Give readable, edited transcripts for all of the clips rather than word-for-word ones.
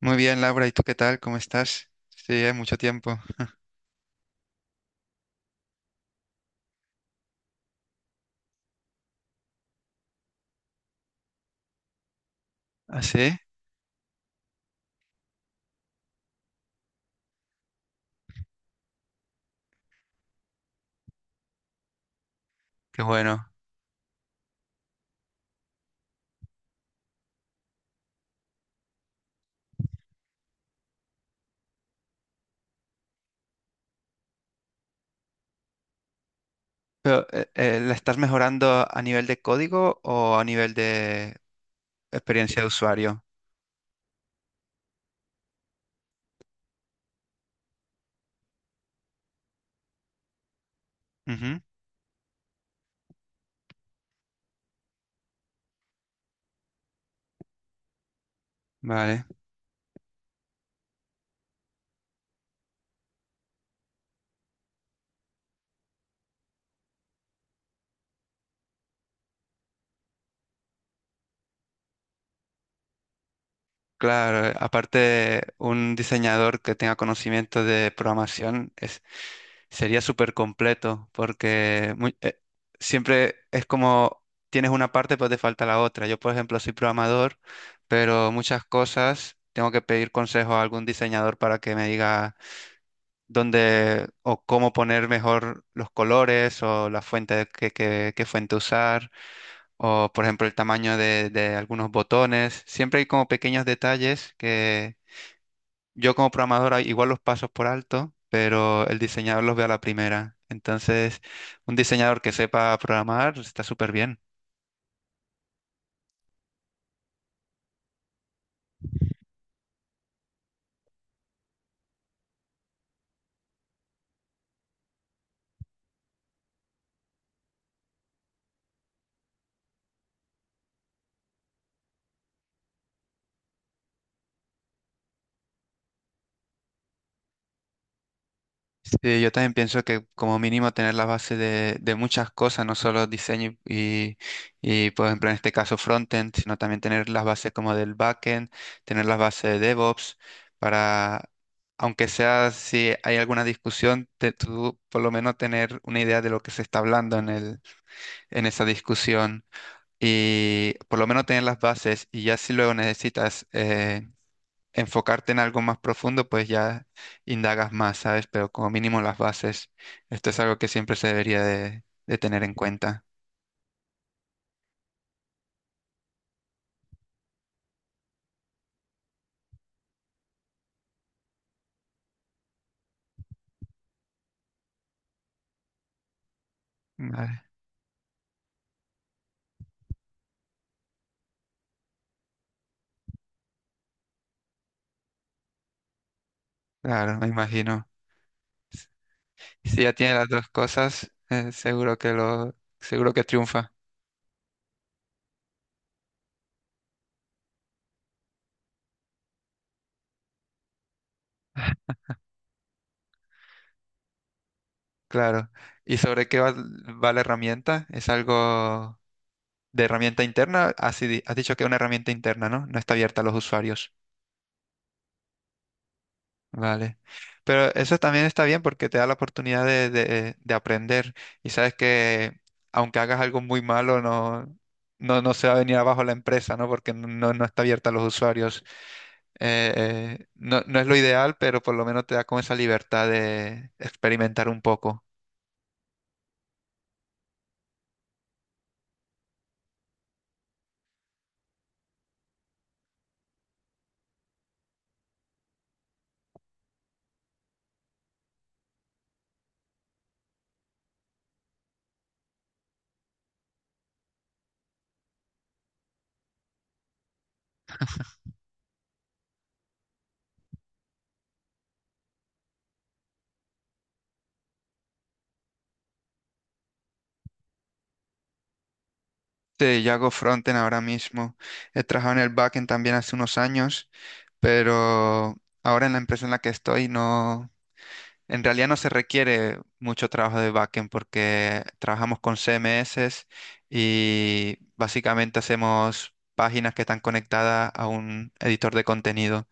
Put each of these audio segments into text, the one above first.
Muy bien, Laura, ¿y tú qué tal? ¿Cómo estás? Sí, hay mucho tiempo. ¿Ah, sí? Qué bueno. Pero, ¿la estás mejorando a nivel de código o a nivel de experiencia de usuario? Ujú. Vale, claro. Aparte, un diseñador que tenga conocimiento de programación es sería súper completo porque siempre es como tienes una parte, pues te falta la otra. Yo, por ejemplo, soy programador, pero muchas cosas tengo que pedir consejo a algún diseñador para que me diga dónde o cómo poner mejor los colores o la fuente de- que- qué fuente usar o, por ejemplo, el tamaño de algunos botones. Siempre hay como pequeños detalles yo como programador ah, igual los pasos por alto, pero el diseñador los ve a la primera. Entonces, un diseñador que sepa programar está súper bien. Sí, yo también pienso que como mínimo tener la base de muchas cosas, no solo diseño y, por ejemplo, en este caso frontend, sino también tener las bases como del backend, tener las bases de DevOps, para, aunque sea si hay alguna discusión, tú por lo menos tener una idea de lo que se está hablando en esa discusión. Y por lo menos tener las bases y ya si luego necesitas enfocarte en algo más profundo, pues ya indagas más, ¿sabes? Pero como mínimo las bases, esto es algo que siempre se debería de tener en cuenta. Vale, claro, me imagino. Si ya tiene las dos cosas, seguro que triunfa, claro. ¿Y sobre qué va la herramienta? ¿Es algo de herramienta interna? Así, has dicho que es una herramienta interna, ¿no? No está abierta a los usuarios. Vale. Pero eso también está bien porque te da la oportunidad de aprender y sabes que aunque hagas algo muy malo, no se va a venir abajo la empresa, ¿no? Porque no, no está abierta a los usuarios. Eh, no, no es lo ideal, pero por lo menos te da como esa libertad de experimentar un poco. Sí, yo hago frontend ahora mismo. He trabajado en el backend también hace unos años, pero ahora en la empresa en la que estoy no, en realidad no se requiere mucho trabajo de backend porque trabajamos con CMS y básicamente hacemos páginas que están conectadas a un editor de contenido.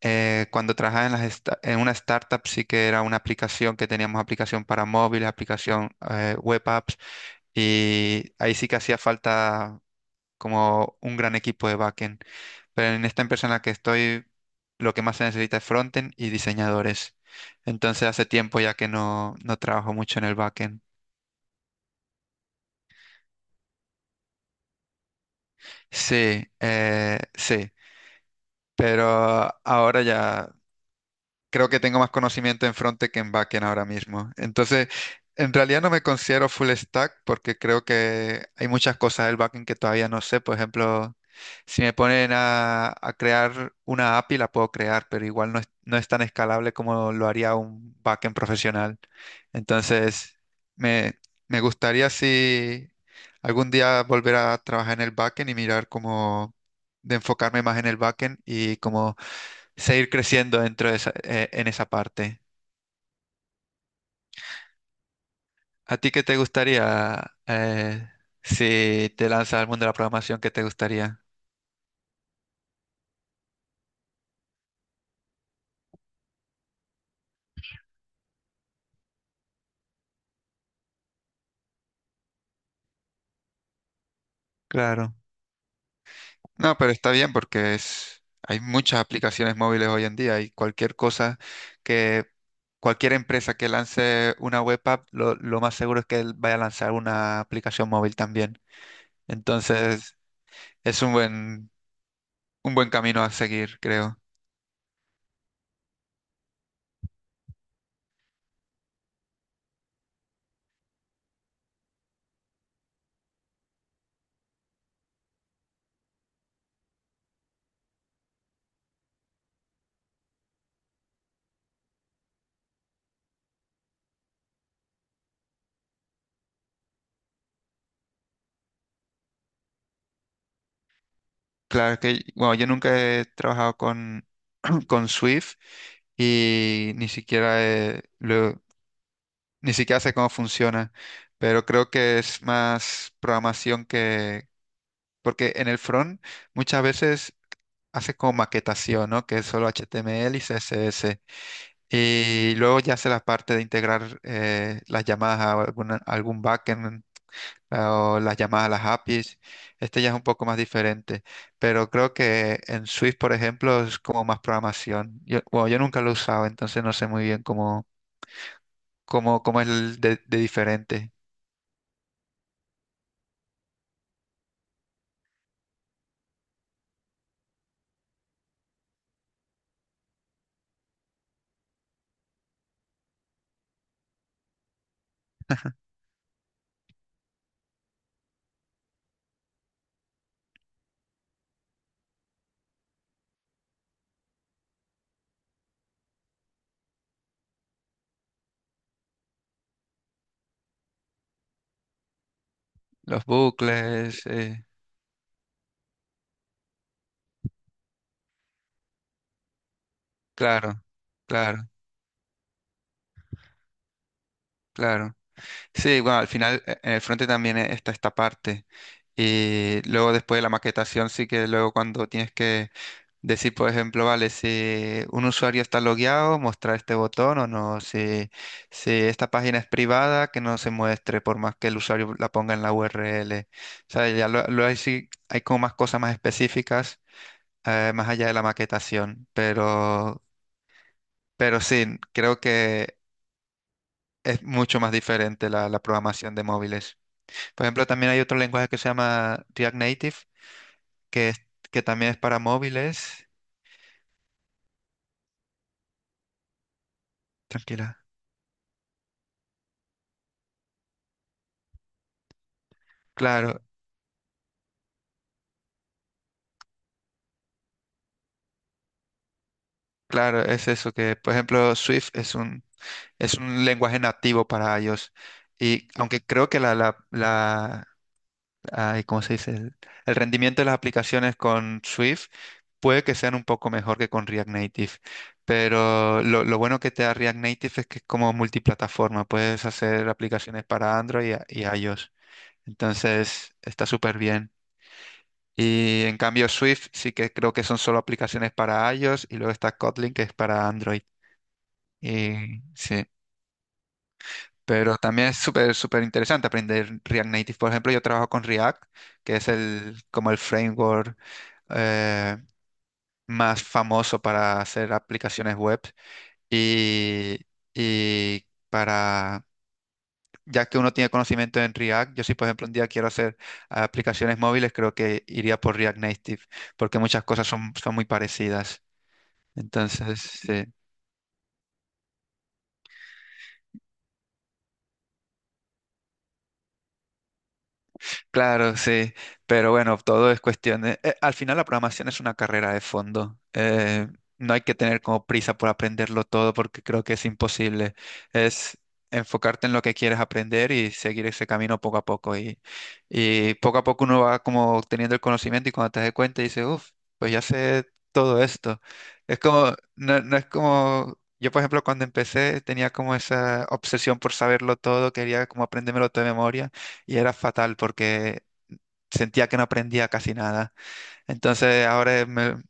Cuando trabajaba en una startup sí que era una aplicación que teníamos, aplicación para móviles, aplicación web apps, y ahí sí que hacía falta como un gran equipo de backend. Pero en esta empresa en la que estoy, lo que más se necesita es frontend y diseñadores. Entonces hace tiempo ya que no, no trabajo mucho en el backend. Sí, sí, pero ahora ya creo que tengo más conocimiento en frontend que en backend ahora mismo. Entonces, en realidad no me considero full stack porque creo que hay muchas cosas del backend que todavía no sé. Por ejemplo, si me ponen a crear una API, la puedo crear, pero igual no es tan escalable como lo haría un backend profesional. Entonces, me, me gustaría si algún día volver a trabajar en el backend y mirar cómo de enfocarme más en el backend y como seguir creciendo dentro de esa, en esa parte. ¿A ti qué te gustaría si te lanzas al mundo de la programación? ¿Qué te gustaría? Claro. No, pero está bien porque es, hay muchas aplicaciones móviles hoy en día y cualquier cosa que cualquier empresa que lance una web app, lo más seguro es que él vaya a lanzar una aplicación móvil también. Entonces, es un buen camino a seguir, creo. Claro que, bueno, yo nunca he trabajado con, con Swift y ni siquiera, ni siquiera sé cómo funciona, pero creo que es más programación que, porque en el front muchas veces hace como maquetación, ¿no? Que es solo HTML y CSS. Y luego ya hace la parte de integrar las llamadas algún backend o las llamadas a las APIs. Este ya es un poco más diferente, pero creo que en Swift, por ejemplo, es como más programación. Yo, bueno, yo nunca lo he usado, entonces no sé muy bien cómo, cómo es de diferente. Los bucles, claro, claro, claro. Sí, bueno, al final en el frente también está esta parte. Y luego después de la maquetación, sí que luego cuando tienes que decir, por ejemplo, vale, si un usuario está logueado, mostrar este botón o no. Si, si esta página es privada, que no se muestre, por más que el usuario la ponga en la URL. O sea, lo hay, sí, hay como más cosas más específicas, más allá de la maquetación. Pero sí, creo que es mucho más diferente la programación de móviles. Por ejemplo, también hay otro lenguaje que se llama React Native, que, que también es para móviles. Tranquila. Claro, claro, es eso que, por ejemplo, Swift es un lenguaje nativo para iOS. Y aunque creo que ay, ¿cómo se dice? El rendimiento de las aplicaciones con Swift puede que sean un poco mejor que con React Native. Pero lo bueno que te da React Native es que es como multiplataforma. Puedes hacer aplicaciones para Android y iOS. Entonces, está súper bien. Y en cambio, Swift sí que creo que son solo aplicaciones para iOS y luego está Kotlin que es para Android. Y sí, pero también es súper, súper interesante aprender React Native. Por ejemplo, yo trabajo con React, que es el, como el framework eh, más famoso para hacer aplicaciones web. Y, y para, ya que uno tiene conocimiento en React, yo si por ejemplo un día quiero hacer aplicaciones móviles, creo que iría por React Native, porque muchas cosas son, son muy parecidas. Entonces, sí. Claro, sí, pero bueno, todo es cuestión de… al final la programación es una carrera de fondo. No hay que tener como prisa por aprenderlo todo porque creo que es imposible. Es enfocarte en lo que quieres aprender y seguir ese camino poco a poco. Y poco a poco uno va como teniendo el conocimiento y cuando te das cuenta dices, uff, pues ya sé todo esto. Es como, no, no es como… Yo, por ejemplo, cuando empecé tenía como esa obsesión por saberlo todo, quería como aprendérmelo todo de memoria y era fatal porque sentía que no aprendía casi nada. Entonces ahora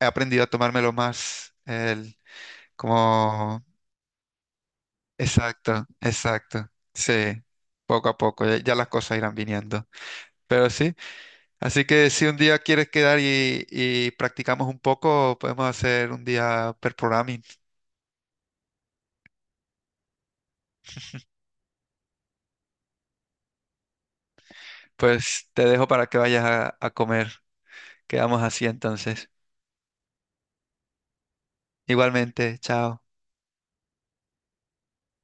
he aprendido a tomármelo más como… Exacto, exacto. Sí, poco a poco, ya las cosas irán viniendo. Pero sí, así que si un día quieres quedar y practicamos un poco, podemos hacer un día per programming. Pues te dejo para que vayas a comer. Quedamos así entonces. Igualmente, chao.